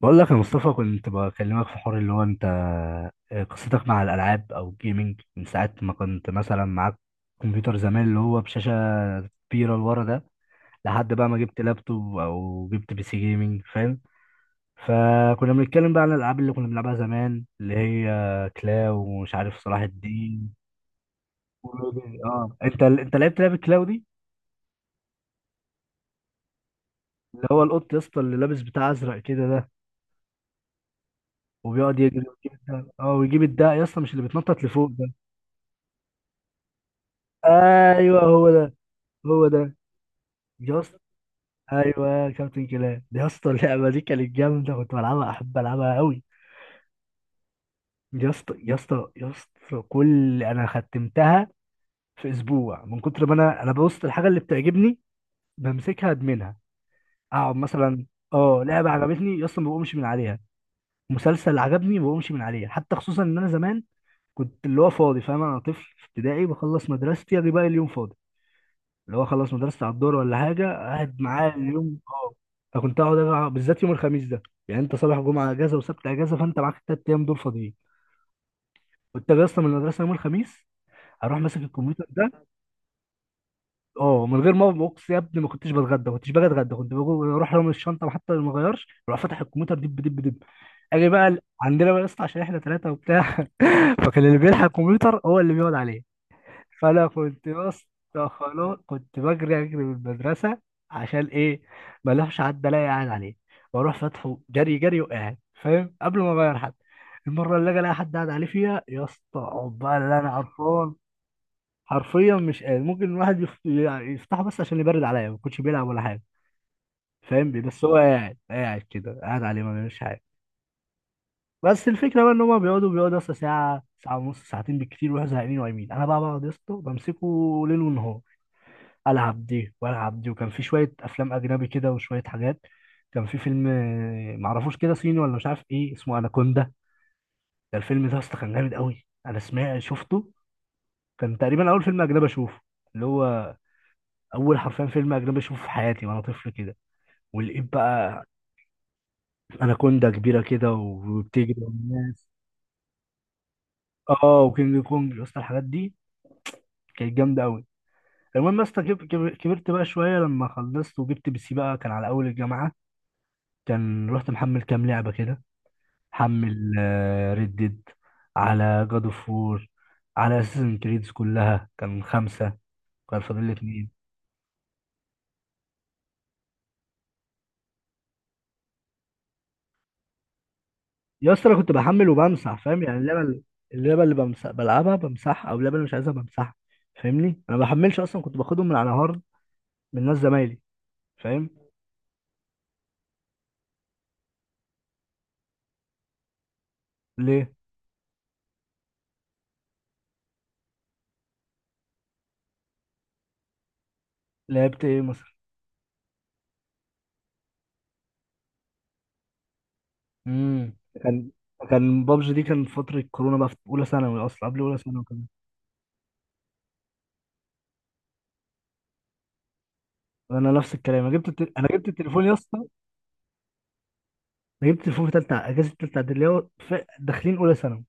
بقول لك يا مصطفى كنت بكلمك في حوار اللي هو انت آه، قصتك مع الالعاب او الجيمنج من ساعه ما كنت مثلا معاك كمبيوتر زمان اللي هو بشاشه كبيره لورا ده لحد بقى ما جبت لابتوب او جبت بي سي جيمنج فاهم. فكنا بنتكلم بقى عن الالعاب اللي كنا بنلعبها زمان اللي هي كلاو ومش عارف صلاح الدين ورودي. اه انت لعبت لعبه كلاو دي. اللي هو القط يا اسطى اللي لابس بتاع ازرق كده ده وبيقعد يجري ويجيب الدق يا اسطى مش اللي بيتنطط لفوق ده. ايوه هو ده هو ده يا اسطى. ايوه كابتن كلاب يا اسطى اللعبه دي كانت جامده كنت بلعبها احب العبها قوي يا اسطى يا اسطى يا اسطى انا ختمتها في اسبوع من كتر ما انا ببص الحاجه اللي بتعجبني بمسكها ادمنها اقعد مثلا. اه لعبه عجبتني يا اسطى ما بقومش من عليها. مسلسل عجبني ما بقومش من عليها حتى، خصوصا ان انا زمان كنت اللي هو فاضي فاهم، انا طفل في ابتدائي بخلص مدرستي اجي بقى اليوم فاضي اللي هو خلص مدرسة على الدور ولا حاجة قاعد معاه اليوم. اه، أنا كنت أقعد أجع- بالذات يوم الخميس ده يعني أنت صالح جمعة أجازة وسبت أجازة، فأنت معاك التلات أيام دول فاضيين. كنت أجي أصلا من المدرسة يوم الخميس أروح ماسك الكمبيوتر ده. أه، من غير ما بوكس يا ابني ما كنتش بتغدى ما كنتش باجي أتغدى كنت بروح رامي الشنطة حتى لو ما غيرش أروح فاتح الكمبيوتر دب دب دب. أجي بقى عندنا بقى يا اسطى عشان إحنا تلاتة وبتاع فكان اللي بيلحق الكمبيوتر هو اللي بيقعد عليه. فانا كنت يا اسطى خلاص كنت بجري اجري من المدرسه، عشان ايه؟ ما اروحش حد الاقي قاعد عليه، واروح فاتحه جري جري وقاعد فاهم قبل ما اغير حد. المره اللي اجي الاقي حد قاعد عليه فيها يا اسطى اقعد بقى اللي انا قرفان، حرفيا مش قادر. ممكن الواحد يعني يفتحه بس عشان يبرد عليا، ما كنتش بيلعب ولا حاجه فاهم، بس هو قاعد قاعد كده قاعد عليه ما بيعملش حاجه. بس الفكره بقى ان هما بيقعدوا بيقعدوا يا اسطى ساعه ساعه ونص ساعتين بالكتير ويروحوا زهقانين ونايمين، انا بقى بقعد يا اسطى بمسكه ليل ونهار، العب دي والعب دي. وكان في شويه افلام اجنبي كده وشويه حاجات. كان في فيلم معرفوش كده صيني ولا مش عارف ايه اسمه اناكوندا. ده الفيلم ده اصلا كان جامد قوي، انا سمعت شفته. كان تقريبا اول فيلم اجنبي اشوفه، اللي هو اول حرفيا فيلم اجنبي اشوفه في حياتي وانا طفل كده. ولقيت بقى اناكوندا كبيره كده وبتجري والناس. اه وكينج كونج يا اسطى الحاجات دي كانت جامده قوي. المهم يا اسطى كبرت بقى شويه لما خلصت وجبت بي سي بقى كان على اول الجامعه. كان رحت محمل كام لعبه كده. حمل ريد ديد، على جاد اوف وور، على اساسن كريدز، كلها كان خمسة كان فاضل لي اتنين. يا اسطى انا كنت بحمل وبمسح فاهم يعني. اللعبة اللعبة اللي بمسح بلعبها بمسحها، او اللعبة اللي مش عايزها بمسحها فاهمني، انا ما بحملش اصلا كنت باخدهم من على هارد من ناس زمايلي فاهم. ليه لعبت ايه مثلا؟ امم كان كان بابجي دي كان في فترة كورونا بقى في اولى ثانوي، اصلا قبل اولى ثانوي كمان. انا نفس الكلام انا انا جبت التليفون يا اسطى. انا جبت تليفون في تالتة اجازه تالتة اعدادي اللي هو داخلين اولى ثانوي.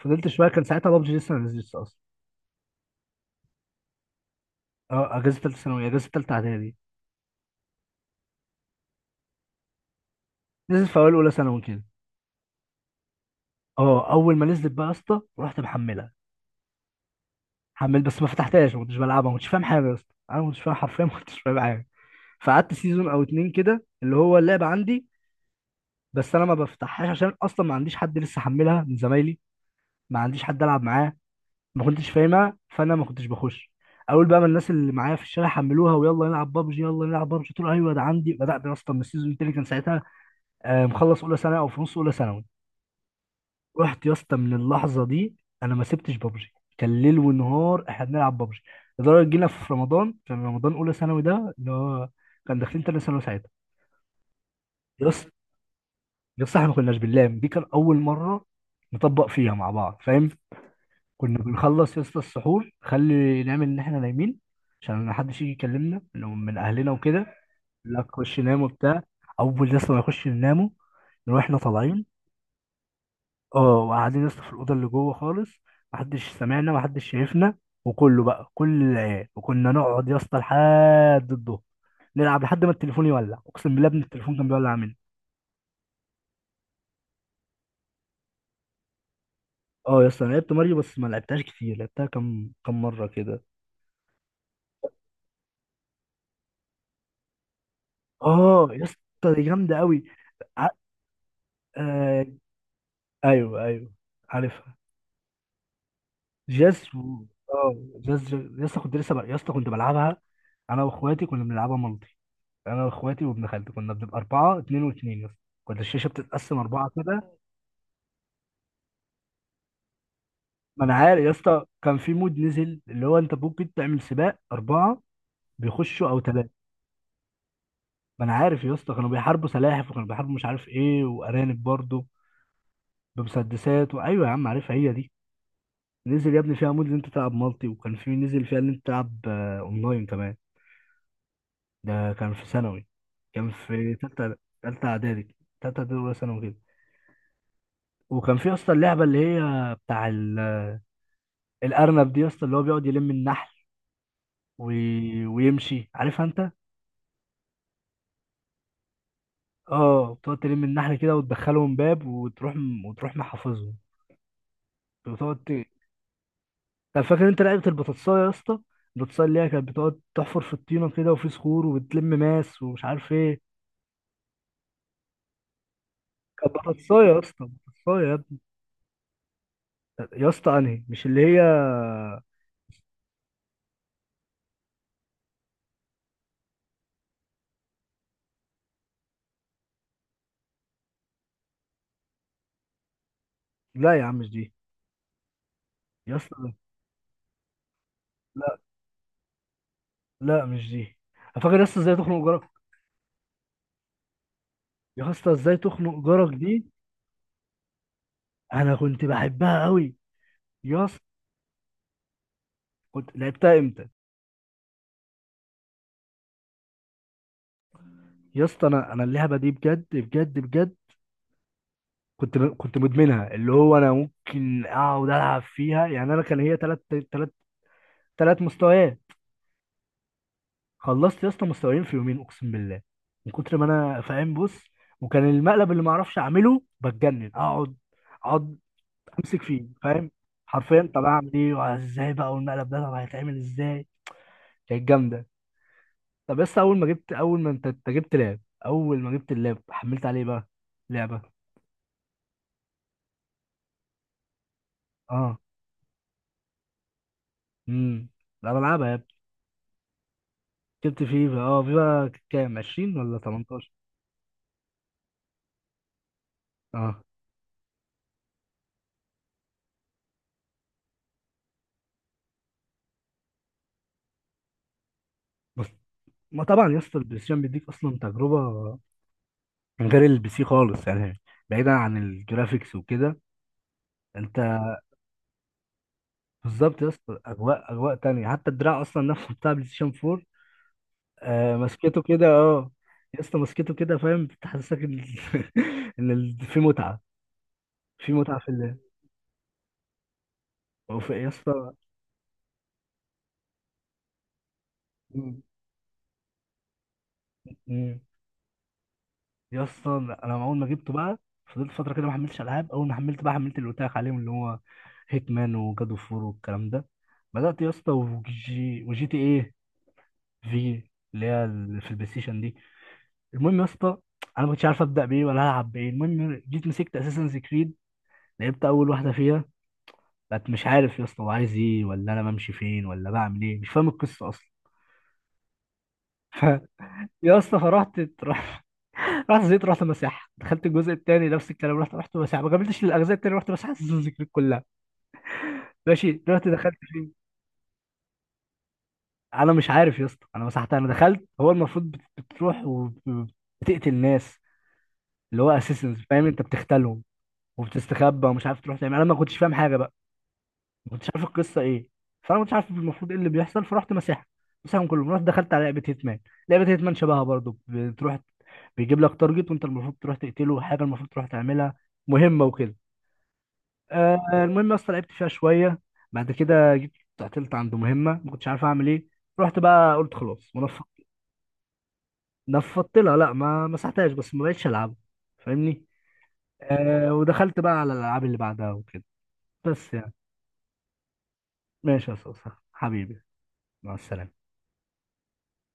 فضلت شويه كان ساعتها بابجي لسه ما نزلتش اصلا. اه اجازه تالتة ثانوي اجازه تالتة اعدادي. نزلت في اوائل اولى ثانوي كده. اه اول ما نزلت بقى يا اسطى رحت محملها، حمل، بس ما فتحتهاش ما كنتش بلعبها ما كنتش فاهم حاجه يا اسطى، انا ما كنتش فاهم حرفيا ما كنتش فاهم حاجه. فقعدت سيزون او اتنين كده اللي هو اللعبه عندي بس انا ما بفتحهاش عشان اصلا ما عنديش حد لسه حملها من زمايلي، ما عنديش حد العب معاه، ما كنتش فاهمها فانا ما كنتش بخش. اول بقى ما الناس اللي معايا في الشارع حملوها، ويلا نلعب بابجي يلا نلعب بابجي، قلت له ايوه ده عندي. بدات يا اسطى من السيزون التاني، كان ساعتها مخلص اولى ثانوي او في نص اولى ثانوي. رحت يا اسطى من اللحظه دي انا ما سبتش بابجي، كان ليل ونهار احنا بنلعب بابجي. لدرجه جينا في رمضان كان رمضان اولى ثانوي ده اللي هو كان داخلين تاني ثانوي ساعتها. يا اسطى يا اسطى احنا ما كناش بنلام، دي كان اول مره نطبق فيها مع بعض فاهم. كنا بنخلص يا اسطى السحور خلي نعمل ان احنا نايمين عشان محدش يجي يكلمنا من اهلنا وكده. لا خش نام وبتاع. اول يا اسطى ما نخش ننامه نروح احنا طالعين. اه وقاعدين يا اسطى في الاوضه اللي جوه خالص محدش سمعنا محدش شايفنا، وكله بقى كل العيال، وكنا نقعد يا اسطى لحد الظهر نلعب لحد ما التليفون يولع. اقسم بالله ابن التليفون كان بيولع مني. اه يا اسطى انا لعبت ماريو بس ما لعبتهاش كتير، لعبتها كم مره كده. اه يا اسطى دي جامده قوي. ايوه ايوه عارفها. جاز و... اه جاز يا اسطى كنت يا اسطى كنت بلعبها. انا واخواتي كنا بنلعبها مالتي، انا واخواتي وابن خالتي كنا بنبقى اربعه اتنين واتنين يا اسطى، كنت الشاشه بتتقسم اربعه كده. ما انا عارف يا اسطى كان في مود نزل اللي هو انت ممكن تعمل سباق اربعه بيخشوا او ثلاثه. ما انا عارف يا اسطى كانوا بيحاربوا سلاحف وكانوا بيحاربوا مش عارف ايه وارانب برضه بمسدسات، وايوه يا عم عارفها هي دي. نزل يا ابني فيها مود ان انت تلعب مالتي، وكان في نزل فيها ان انت تلعب اونلاين كمان. ده كان في ثانوي، كان في تالتة، تالتة إعدادي، تالتة إعدادي أولى ثانوي كده. وكان في يا اسطى اللعبة اللي هي بتاع الأرنب دي يا اسطى اللي هو بيقعد يلم النحل ويمشي. عارفها أنت؟ اه بتقعد تلم النحل كده وتدخلهم باب وتروح وتروح محافظهم. بتقعد ت... طب فاكر أنت لعبة البطاطساية يا اسطى؟ البطاطساية اللي هي كانت بتقعد تحفر في الطينة كده وفي صخور وبتلم ماس ومش عارف إيه. كانت بطاطساية يا اسطى بطاطساية يا ابني. يا اسطى أنهي؟ مش اللي هي. لا يا عم مش دي يا اسطى. لا لا مش دي. فاكر يا اسطى ازاي تخنق جارك؟ يا اسطى ازاي تخنق جارك دي انا كنت بحبها قوي يا اسطى. كنت لعبتها امتى؟ يا اسطى انا اللعبه دي بجد بجد بجد كنت كنت مدمنها اللي هو انا ممكن اقعد العب فيها، يعني انا كان هي ثلاث ثلاث مستويات، خلصت يا اسطى مستويين في يومين اقسم بالله من كتر ما انا فاهم بص. وكان المقلب اللي ما اعرفش اعمله بتجنن، اقعد اقعد امسك فيه فاهم، حرفيا طب اعمل ايه وازاي بقى والمقلب ده طب هيتعمل ازاي. كانت جامده. طب بس اول ما أنت جبت لاب. اول ما جبت اللاب حملت عليه بقى لعبه. اه امم لا بلعبها يا ابني. جبت فيفا اه فيفا كام 20 ولا 18. اه بس ما طبعا يا اسطى البلاي ستيشن بيديك اصلا تجربه من غير البي سي خالص يعني، بعيدا عن الجرافيكس وكده انت. بالظبط يا اسطى اجواء اجواء تانية، حتى الدراع اصلا نفسه بتاع بلاي ستيشن 4. مسكته كده اه يا اسطى مسكته كده فاهم، بتحسسك ان ان في متعه في متعه في اللعب، يا اسطى. مم. مم. يا اسطى انا اول ما جبته بقى فضلت فتره كده ما حملتش العاب. اول ما حملت بقى حملت اللي قلت لك عليهم اللي هو هيتمان وجاد اوف وور والكلام ده. بدات يا اسطى وجي تي ايه في اللي هي في البلاي ستيشن دي. المهم يا اسطى انا ما كنتش عارف ابدا بايه ولا العب بايه. المهم جيت مسكت اساسن كريد لعبت اول واحده فيها، بقت مش عارف يا اسطى هو عايز ايه ولا انا بمشي فين ولا بعمل ايه، مش فاهم القصه اصلا. ف- يا اسطى فرحت رحت، رحت زيت، رحت مساحة. دخلت الجزء الثاني نفس الكلام، رحت مساحة، ما كملتش للاجزاء الثانيه، رحت مساحة سيزون ذكرك كلها. ماشي دلوقتي دخلت فين؟ انا مش عارف يا اسطى انا مسحتها. انا دخلت هو المفروض بتروح وبتقتل ناس اللي هو اساسنز فاهم انت بتختلهم وبتستخبى ومش عارف تروح تعمل، انا ما كنتش فاهم حاجه بقى، ما كنتش عارف القصه ايه. فانا ما كنتش عارف المفروض ايه اللي بيحصل، فرحت مساحه مساحهم كلهم. رحت دخلت على لعبه هيتمان، لعبه هيتمان شبهها برضو بتروح بيجيب لك تارجت وانت المفروض تروح تقتله، حاجه المفروض تروح تعملها مهمه وكده. المهم يا اسطى لعبت فيها شويه، بعد كده جيت قتلت عنده مهمه، ما كنتش عارف اعمل ايه، رحت بقى قلت خلاص ونفضت نفضت لها، لا ما مسحتهاش بس ما بقتش العبها فاهمني. ودخلت بقى على الالعاب اللي بعدها وكده، بس يعني. ماشي يا اسطى حبيبي. مع السلامه.